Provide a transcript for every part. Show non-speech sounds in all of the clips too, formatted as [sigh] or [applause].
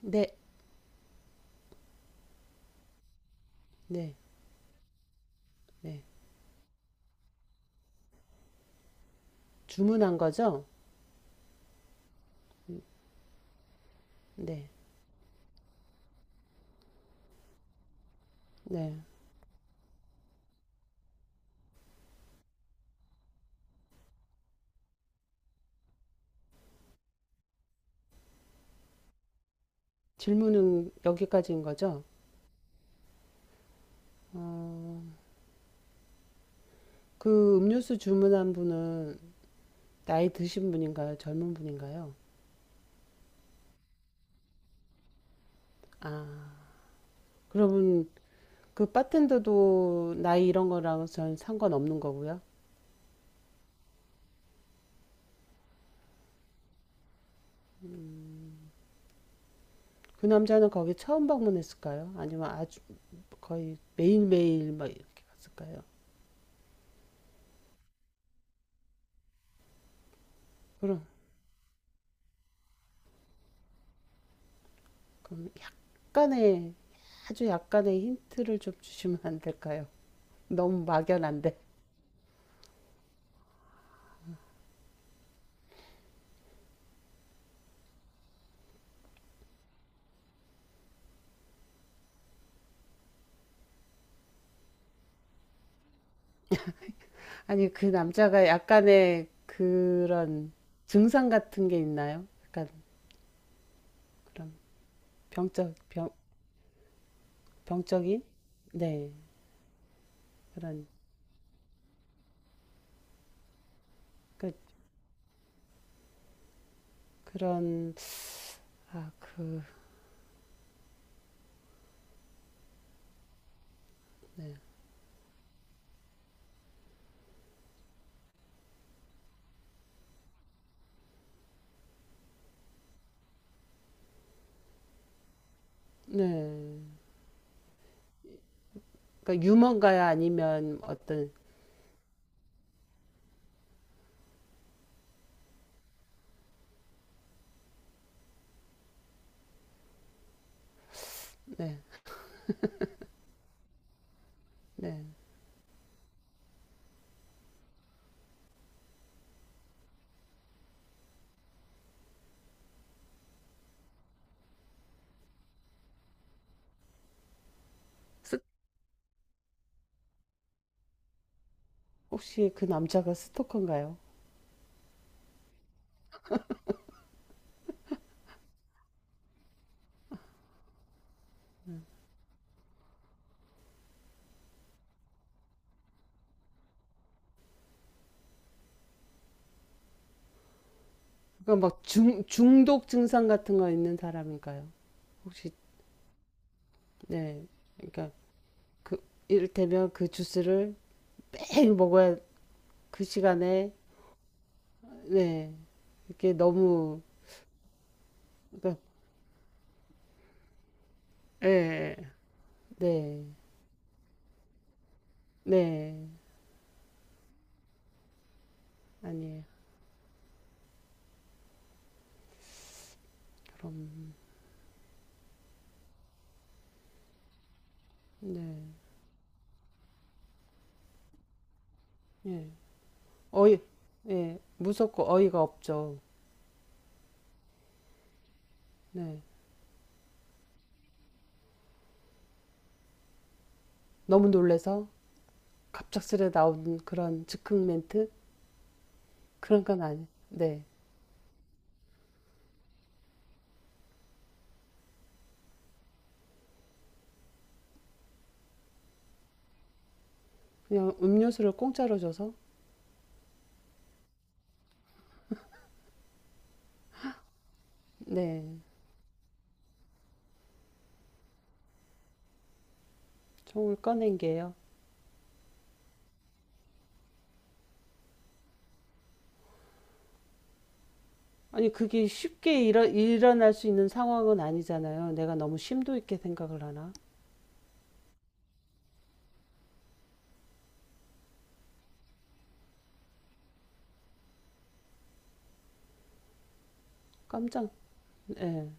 네, 네, 네. 주문한 거죠? 음, 네, 네. 질문은 여기까지인 거죠? 어, 그 음료수 주문한 분은 나이 드신 분인가요? 젊은 분인가요? 아, 그러면 그 바텐더도 나이 이런 거랑 전 상관없는 거고요. 그 남자는 거기 처음 방문했을까요? 아니면 아주 거의 매일매일 막 이렇게 갔을까요? 그럼, 그럼 약간의, 아주 약간의 힌트를 좀 주시면 안 될까요? [laughs] 너무 막연한데. 아니, 그 남자가 약간의 그런 증상 같은 게 있나요? 약간 그런 병적, 병, 병적인? 네, 그런, 그, 그런, 아, 그, 네. 그러니까 유머인가요? 아니면 어떤, 네, 네. 스- 혹시 그 남자가 스토커인가요? 그러니까 막 중독 증상 같은 거 있는 사람인가요? 혹시, 네. 그러니까 그, 이를테면 그 주스를 매일 먹어야 그 시간에 네. 이게 너무 그러니까 예. 네. 네. 아니에요. 네. 예. 어이 예. 무섭고 어이가 없죠. 네. 너무 놀래서 갑작스레 나온 그런 즉흥 멘트 그런 건 아니. 네. 그냥 음료수를 공짜로 줘서 네. 총을 꺼낸 게요. 아니, 그게 쉽게 일어날 수 있는 상황은 아니잖아요. 내가 너무 심도 있게 생각을 하나? 깜짝. 네.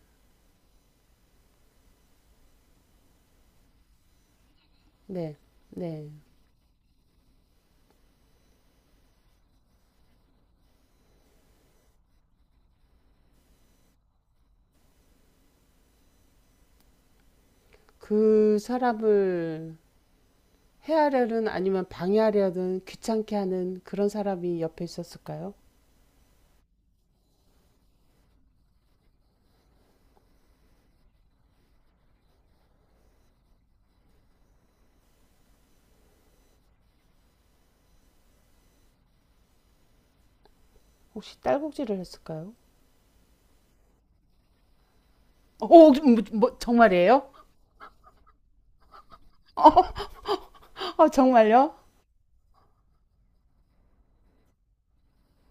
네. 네. 그 사람을 해하려는 아니면 방해하려는 귀찮게 하는 그런 사람이 옆에 있었을까요? 혹시 딸꾹질을 했을까요? 오, 뭐, 정말이에요? 정말요?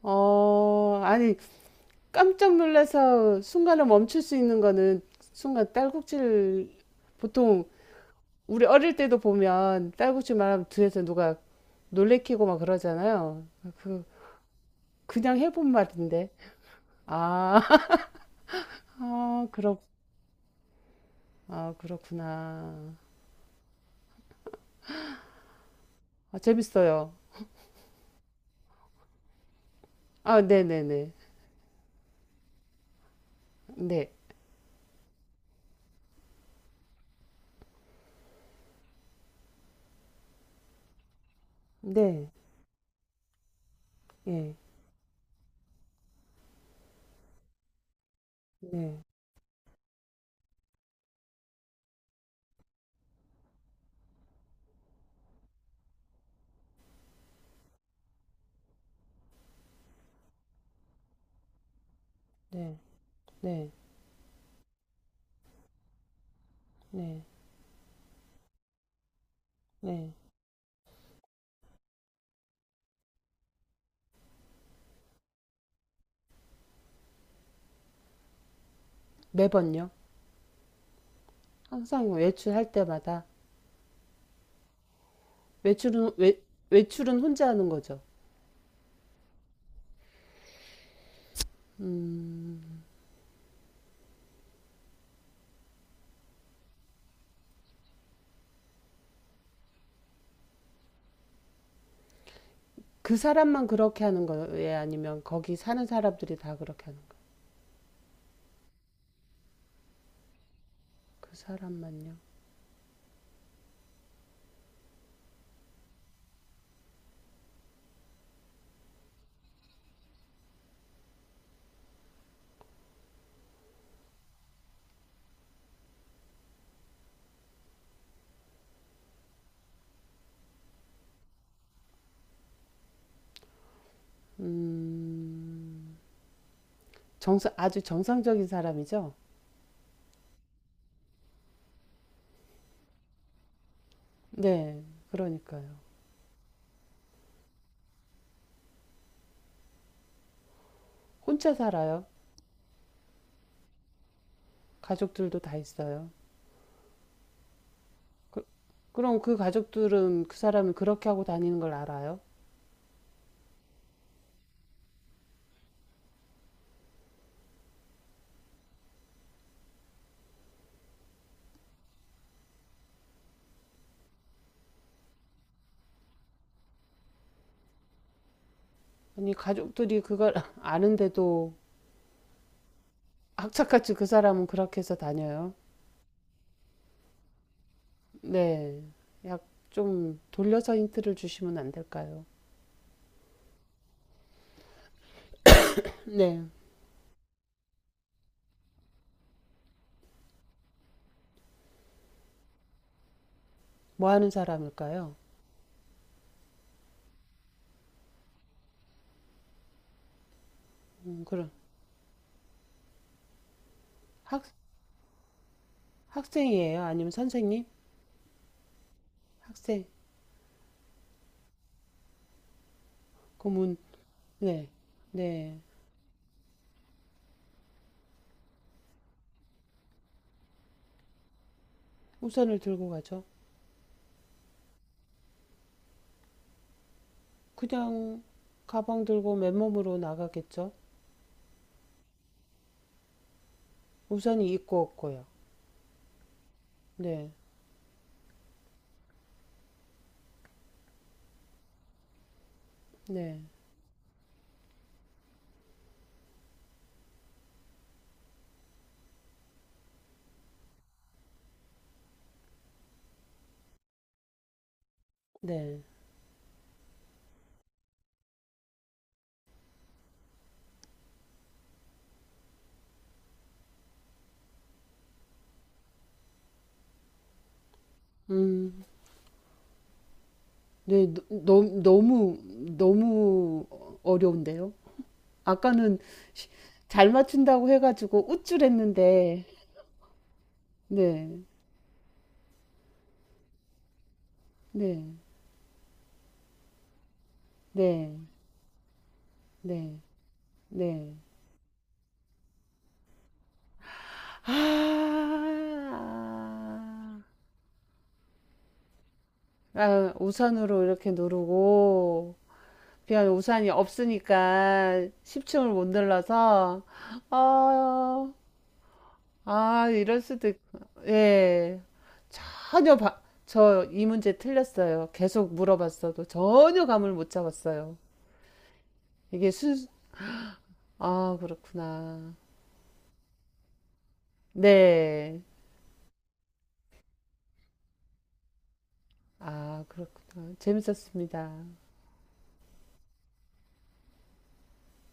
아니, 깜짝 놀라서 순간을 멈출 수 있는 거는 순간 딸꾹질, 보통 우리 어릴 때도 보면 딸꾹질 말하면 뒤에서 누가 놀래키고 막 그러잖아요. 그, 그냥 해본 말인데. 아, [laughs] 아, 아, 그렇구나. 아, 재밌어요. 아, 네네네. 네. 네. 네. 네. 예. 네. 네. 네. 네. 네. 매번요. 항상 외출할 때마다. 외출은, 외, 외출은 혼자 하는 거죠. 음, 그 사람만 그렇게 하는 거예요? 아니면 거기 사는 사람들이 다 그렇게 하는 거예요? 그 사람만요? 음, 아주 정상적인 사람이죠? 네. 그러니까요. 혼자 살아요. 가족들도 다 있어요. 그, 그럼 그 가족들은 그 사람이 그렇게 하고 다니는 걸 알아요? 아니, 가족들이 그걸 [laughs] 아는데도 악착같이 그 사람은 그렇게 해서 다녀요? 네. 약 좀 돌려서 힌트를 주시면 안 될까요? 네. 뭐 하는 사람일까요? 그럼 학, 학생이에요? 아니면 선생님? 학생. 그 문, 네. 네. 우산을 들고 가죠. 그냥 가방 들고 맨몸으로 나가겠죠? 우산이 있고 없고요. 네. 네. 네. 음, 네, 너무 어려운데요? 아까는 쉬- 잘 맞춘다고 해가지고 우쭐했는데, 네, 네, 네, 네, 네. 아, 아, 우산으로 이렇게 누르고, 그냥 우산이 없으니까 10층을 못 눌러서, 아, 아, 이럴 수도 있고. 예. 전혀 바, 저 이 문제 틀렸어요. 계속 물어봤어도 전혀 감을 못 잡았어요. 이게 순, 아, 그렇구나. 네. 아, 그렇구나. 재밌었습니다.